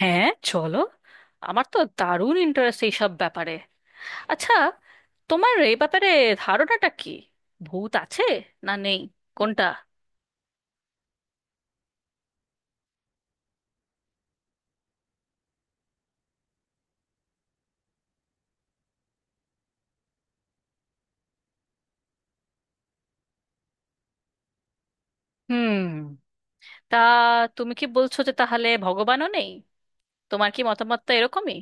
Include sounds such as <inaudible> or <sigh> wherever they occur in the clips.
হ্যাঁ, চলো। আমার তো দারুণ ইন্টারেস্ট এইসব ব্যাপারে। আচ্ছা, তোমার এই ব্যাপারে ধারণাটা কি? ভূত আছে না নেই? কোনটা? হুম। তা তুমি কি বলছো যে তাহলে ভগবানও নেই? তোমার কি মতামতটা এরকমই?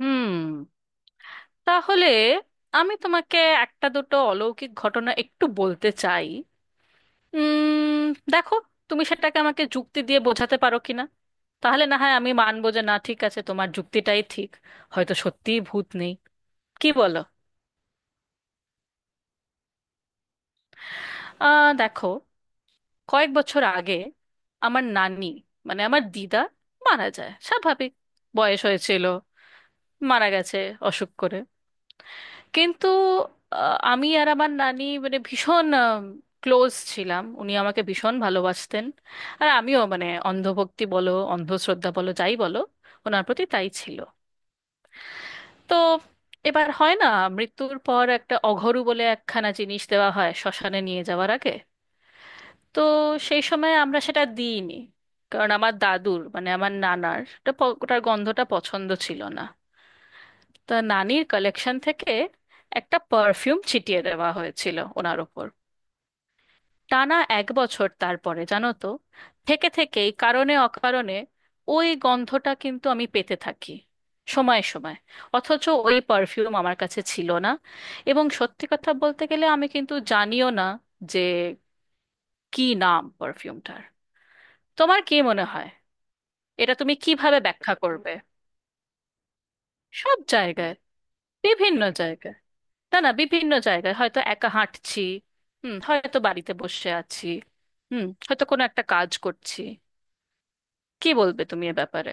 হুম। তাহলে আমি তোমাকে একটা দুটো অলৌকিক ঘটনা একটু বলতে চাই। উম দেখো, তুমি সেটাকে আমাকে যুক্তি দিয়ে বোঝাতে পারো কিনা। তাহলে না হয় আমি মানবো যে না, ঠিক আছে, তোমার যুক্তিটাই ঠিক, হয়তো সত্যিই ভূত নেই। কি বলো? দেখো, কয়েক বছর আগে আমার নানি মানে আমার দিদা মারা যায়। স্বাভাবিক, বয়স হয়েছিল, মারা গেছে অসুখ করে। কিন্তু আমি আর আমার নানি মানে ভীষণ ক্লোজ ছিলাম, উনি আমাকে ভীষণ ভালোবাসতেন। আর আমিও মানে অন্ধভক্তি বলো অন্ধশ্রদ্ধা বলো যাই বলো, ওনার প্রতি তাই ছিল। তো এবার হয় না, মৃত্যুর পর একটা অঘরু বলে একখানা জিনিস দেওয়া হয় শ্মশানে নিয়ে যাওয়ার আগে। তো সেই সময় আমরা সেটা দিইনি কারণ আমার দাদুর মানে আমার নানার ওটা ওটার গন্ধটা পছন্দ ছিল না। তা নানির কালেকশন থেকে একটা পারফিউম ছিটিয়ে দেওয়া হয়েছিল ওনার ওপর। টানা এক বছর, তারপরে জানো তো, থেকে থেকেই কারণে অকারণে ওই গন্ধটা কিন্তু আমি পেতে থাকি সময়ে সময়ে। অথচ ওই পারফিউম আমার কাছে ছিল না। এবং সত্যি কথা বলতে গেলে আমি কিন্তু জানিও না যে কি নাম পারফিউমটার। তোমার কি মনে হয়? এটা তুমি কিভাবে ব্যাখ্যা করবে? সব জায়গায়। বিভিন্ন জায়গায়। না, না, বিভিন্ন জায়গায়, হয়তো একা হাঁটছি, হুম, হয়তো বাড়িতে বসে আছি, হুম, হয়তো কোনো একটা কাজ করছি। কি বলবে তুমি এ ব্যাপারে?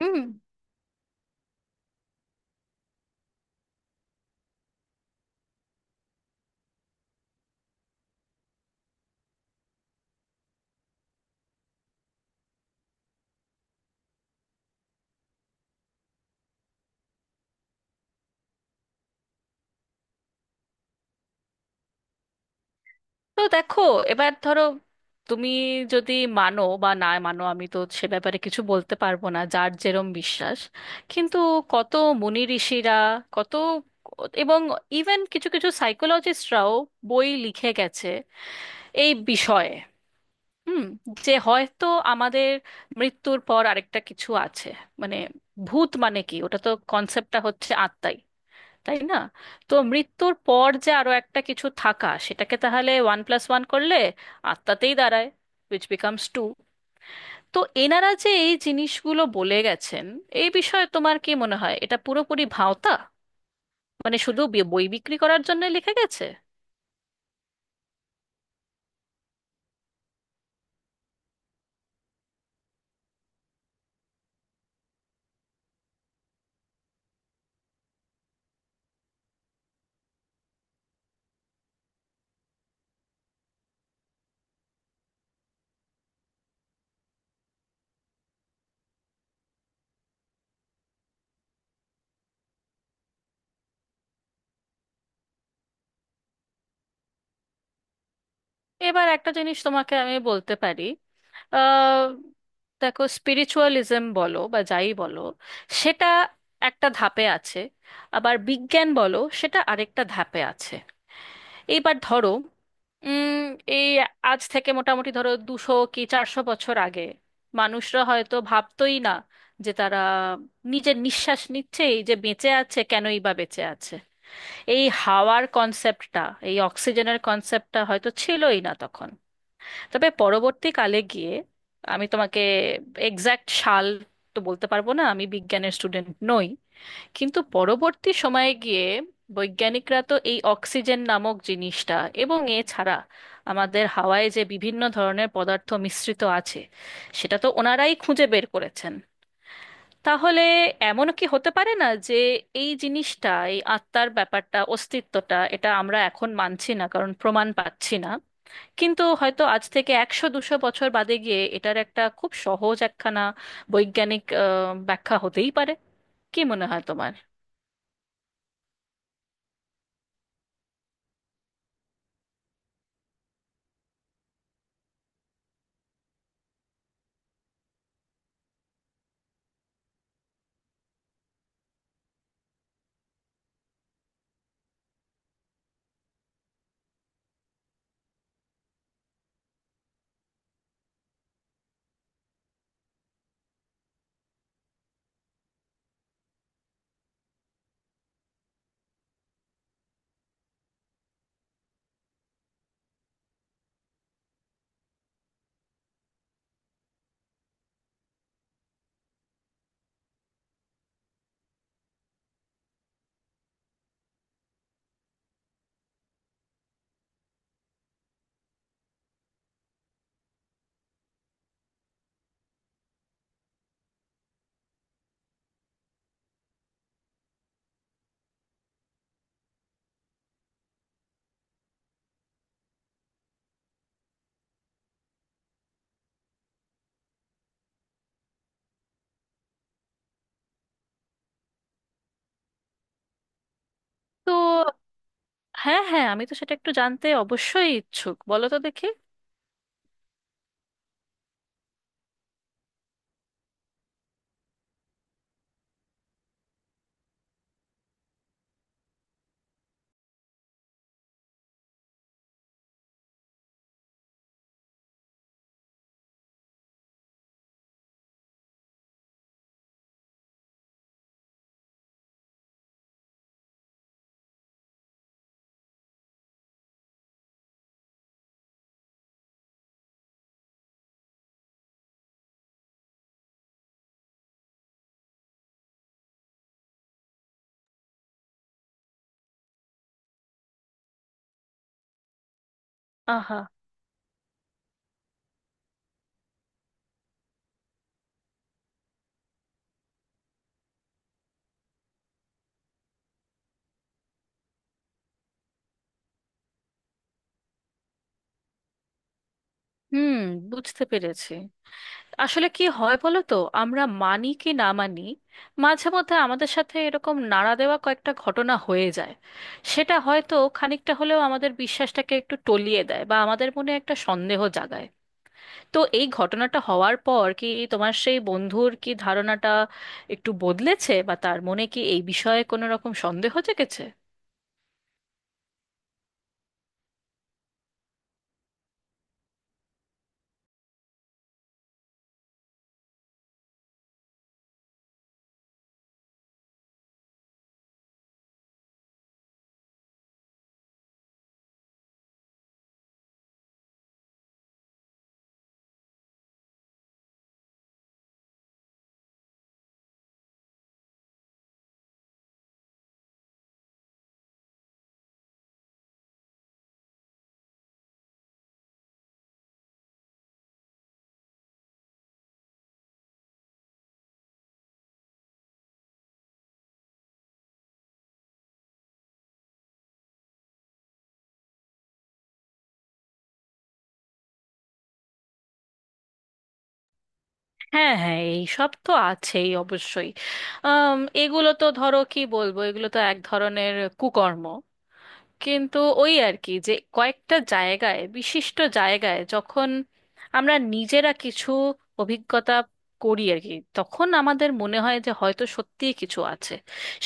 হুম। তো দেখো, এবার ধরো, তুমি যদি মানো বা না মানো আমি তো সে ব্যাপারে কিছু বলতে পারবো না, যার যেরম বিশ্বাস। কিন্তু কত মুনি ঋষিরা, কত, এবং ইভেন কিছু কিছু সাইকোলজিস্টরাও বই লিখে গেছে এই বিষয়ে। হুম। যে হয়তো আমাদের মৃত্যুর পর আরেকটা কিছু আছে। মানে ভূত মানে কি, ওটা তো কনসেপ্টটা হচ্ছে আত্মাই, তাই না? তো মৃত্যুর পর যে আরো একটা কিছু থাকা, সেটাকে তাহলে ওয়ান প্লাস ওয়ান করলে আত্মাতেই দাঁড়ায়, উইচ বিকামস টু। তো এনারা যে এই জিনিসগুলো বলে গেছেন এই বিষয়ে তোমার কি মনে হয়? এটা পুরোপুরি ভাওতা? মানে শুধু বই বিক্রি করার জন্য লিখে গেছে? এবার একটা জিনিস তোমাকে আমি বলতে পারি। আহ, দেখো, স্পিরিচুয়ালিজম বলো বা যাই বলো সেটা একটা ধাপে আছে, আবার বিজ্ঞান বলো সেটা আরেকটা ধাপে আছে। এইবার ধরো, উম এই আজ থেকে মোটামুটি ধরো 200 কি 400 বছর আগে মানুষরা হয়তো ভাবতোই না যে তারা নিজের নিঃশ্বাস নিচ্ছে। এই যে বেঁচে আছে, কেনই বা বেঁচে আছে, এই হাওয়ার কনসেপ্টটা, এই অক্সিজেনের কনসেপ্টটা হয়তো ছিলই না তখন। তবে পরবর্তীকালে গিয়ে, আমি তোমাকে এক্স্যাক্ট সাল তো বলতে পারবো না, আমি বিজ্ঞানের স্টুডেন্ট নই, কিন্তু পরবর্তী সময়ে গিয়ে বৈজ্ঞানিকরা তো এই অক্সিজেন নামক জিনিসটা এবং এছাড়া আমাদের হাওয়ায় যে বিভিন্ন ধরনের পদার্থ মিশ্রিত আছে, সেটা তো ওনারাই খুঁজে বের করেছেন। তাহলে এমন কি হতে পারে না যে এই জিনিসটা, এই আত্মার ব্যাপারটা, অস্তিত্বটা, এটা আমরা এখন মানছি না কারণ প্রমাণ পাচ্ছি না, কিন্তু হয়তো আজ থেকে 100 200 বছর বাদে গিয়ে এটার একটা খুব সহজ একখানা বৈজ্ঞানিক ব্যাখ্যা হতেই পারে। কি মনে হয় তোমার? তো হ্যাঁ, হ্যাঁ, আমি তো সেটা একটু জানতে অবশ্যই ইচ্ছুক, বলো তো দেখি। আহা। হুম। বুঝতে পেরেছি। আসলে কি হয় বলো তো, আমরা মানি কি না মানি, মাঝে মধ্যে আমাদের সাথে এরকম নাড়া দেওয়া কয়েকটা ঘটনা হয়ে যায়। সেটা হয়তো খানিকটা হলেও আমাদের বিশ্বাসটাকে একটু টলিয়ে দেয় বা আমাদের মনে একটা সন্দেহ জাগায়। তো এই ঘটনাটা হওয়ার পর কি তোমার সেই বন্ধুর কি ধারণাটা একটু বদলেছে, বা তার মনে কি এই বিষয়ে কোনো রকম সন্দেহ জেগেছে? হ্যাঁ, হ্যাঁ, এই সব তো আছেই অবশ্যই। এগুলো তো ধরো কি বলবো, এগুলো তো এক ধরনের কুকর্ম। কিন্তু ওই আর কি, যে কয়েকটা জায়গায়, বিশিষ্ট জায়গায়, যখন আমরা নিজেরা কিছু অভিজ্ঞতা করি আর কি, তখন আমাদের মনে হয় যে হয়তো সত্যিই কিছু আছে।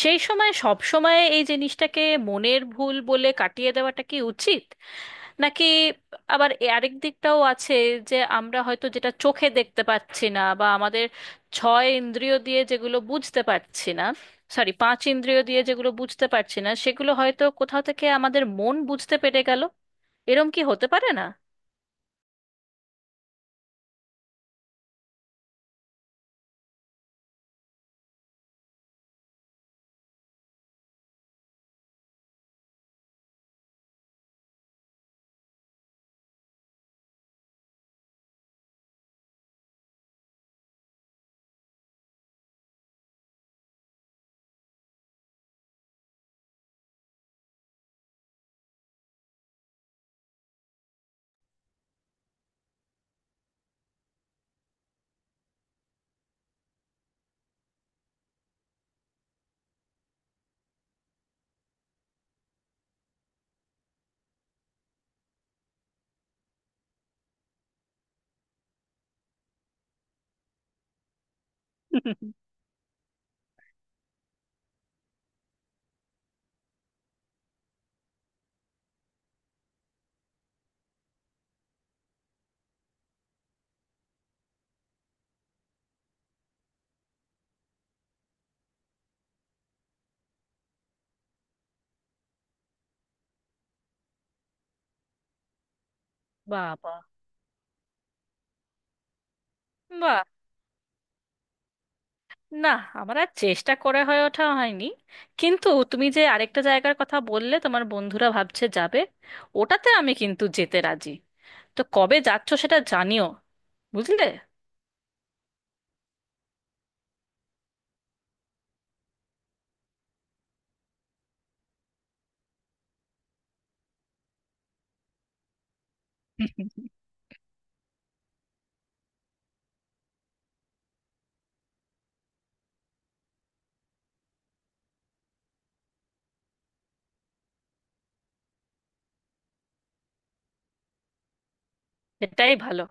সেই সময় সব সময় এই জিনিসটাকে মনের ভুল বলে কাটিয়ে দেওয়াটা কি উচিত? নাকি আবার আরেক দিকটাও আছে যে আমরা হয়তো যেটা চোখে দেখতে পাচ্ছি না বা আমাদের ছয় ইন্দ্রিয় দিয়ে যেগুলো বুঝতে পারছি না, সরি, পাঁচ ইন্দ্রিয় দিয়ে যেগুলো বুঝতে পারছি না, সেগুলো হয়তো কোথাও থেকে আমাদের মন বুঝতে পেরে গেল, এরম কি হতে পারে না? বাবা। বাহ। না, আমার আর চেষ্টা করে হয়ে ওঠা হয়নি। কিন্তু তুমি যে আরেকটা জায়গার কথা বললে, তোমার বন্ধুরা ভাবছে যাবে, ওটাতে আমি কিন্তু যেতে রাজি। তো কবে যাচ্ছ সেটা জানিও, বুঝলে? <laughs> এটাই ভালো।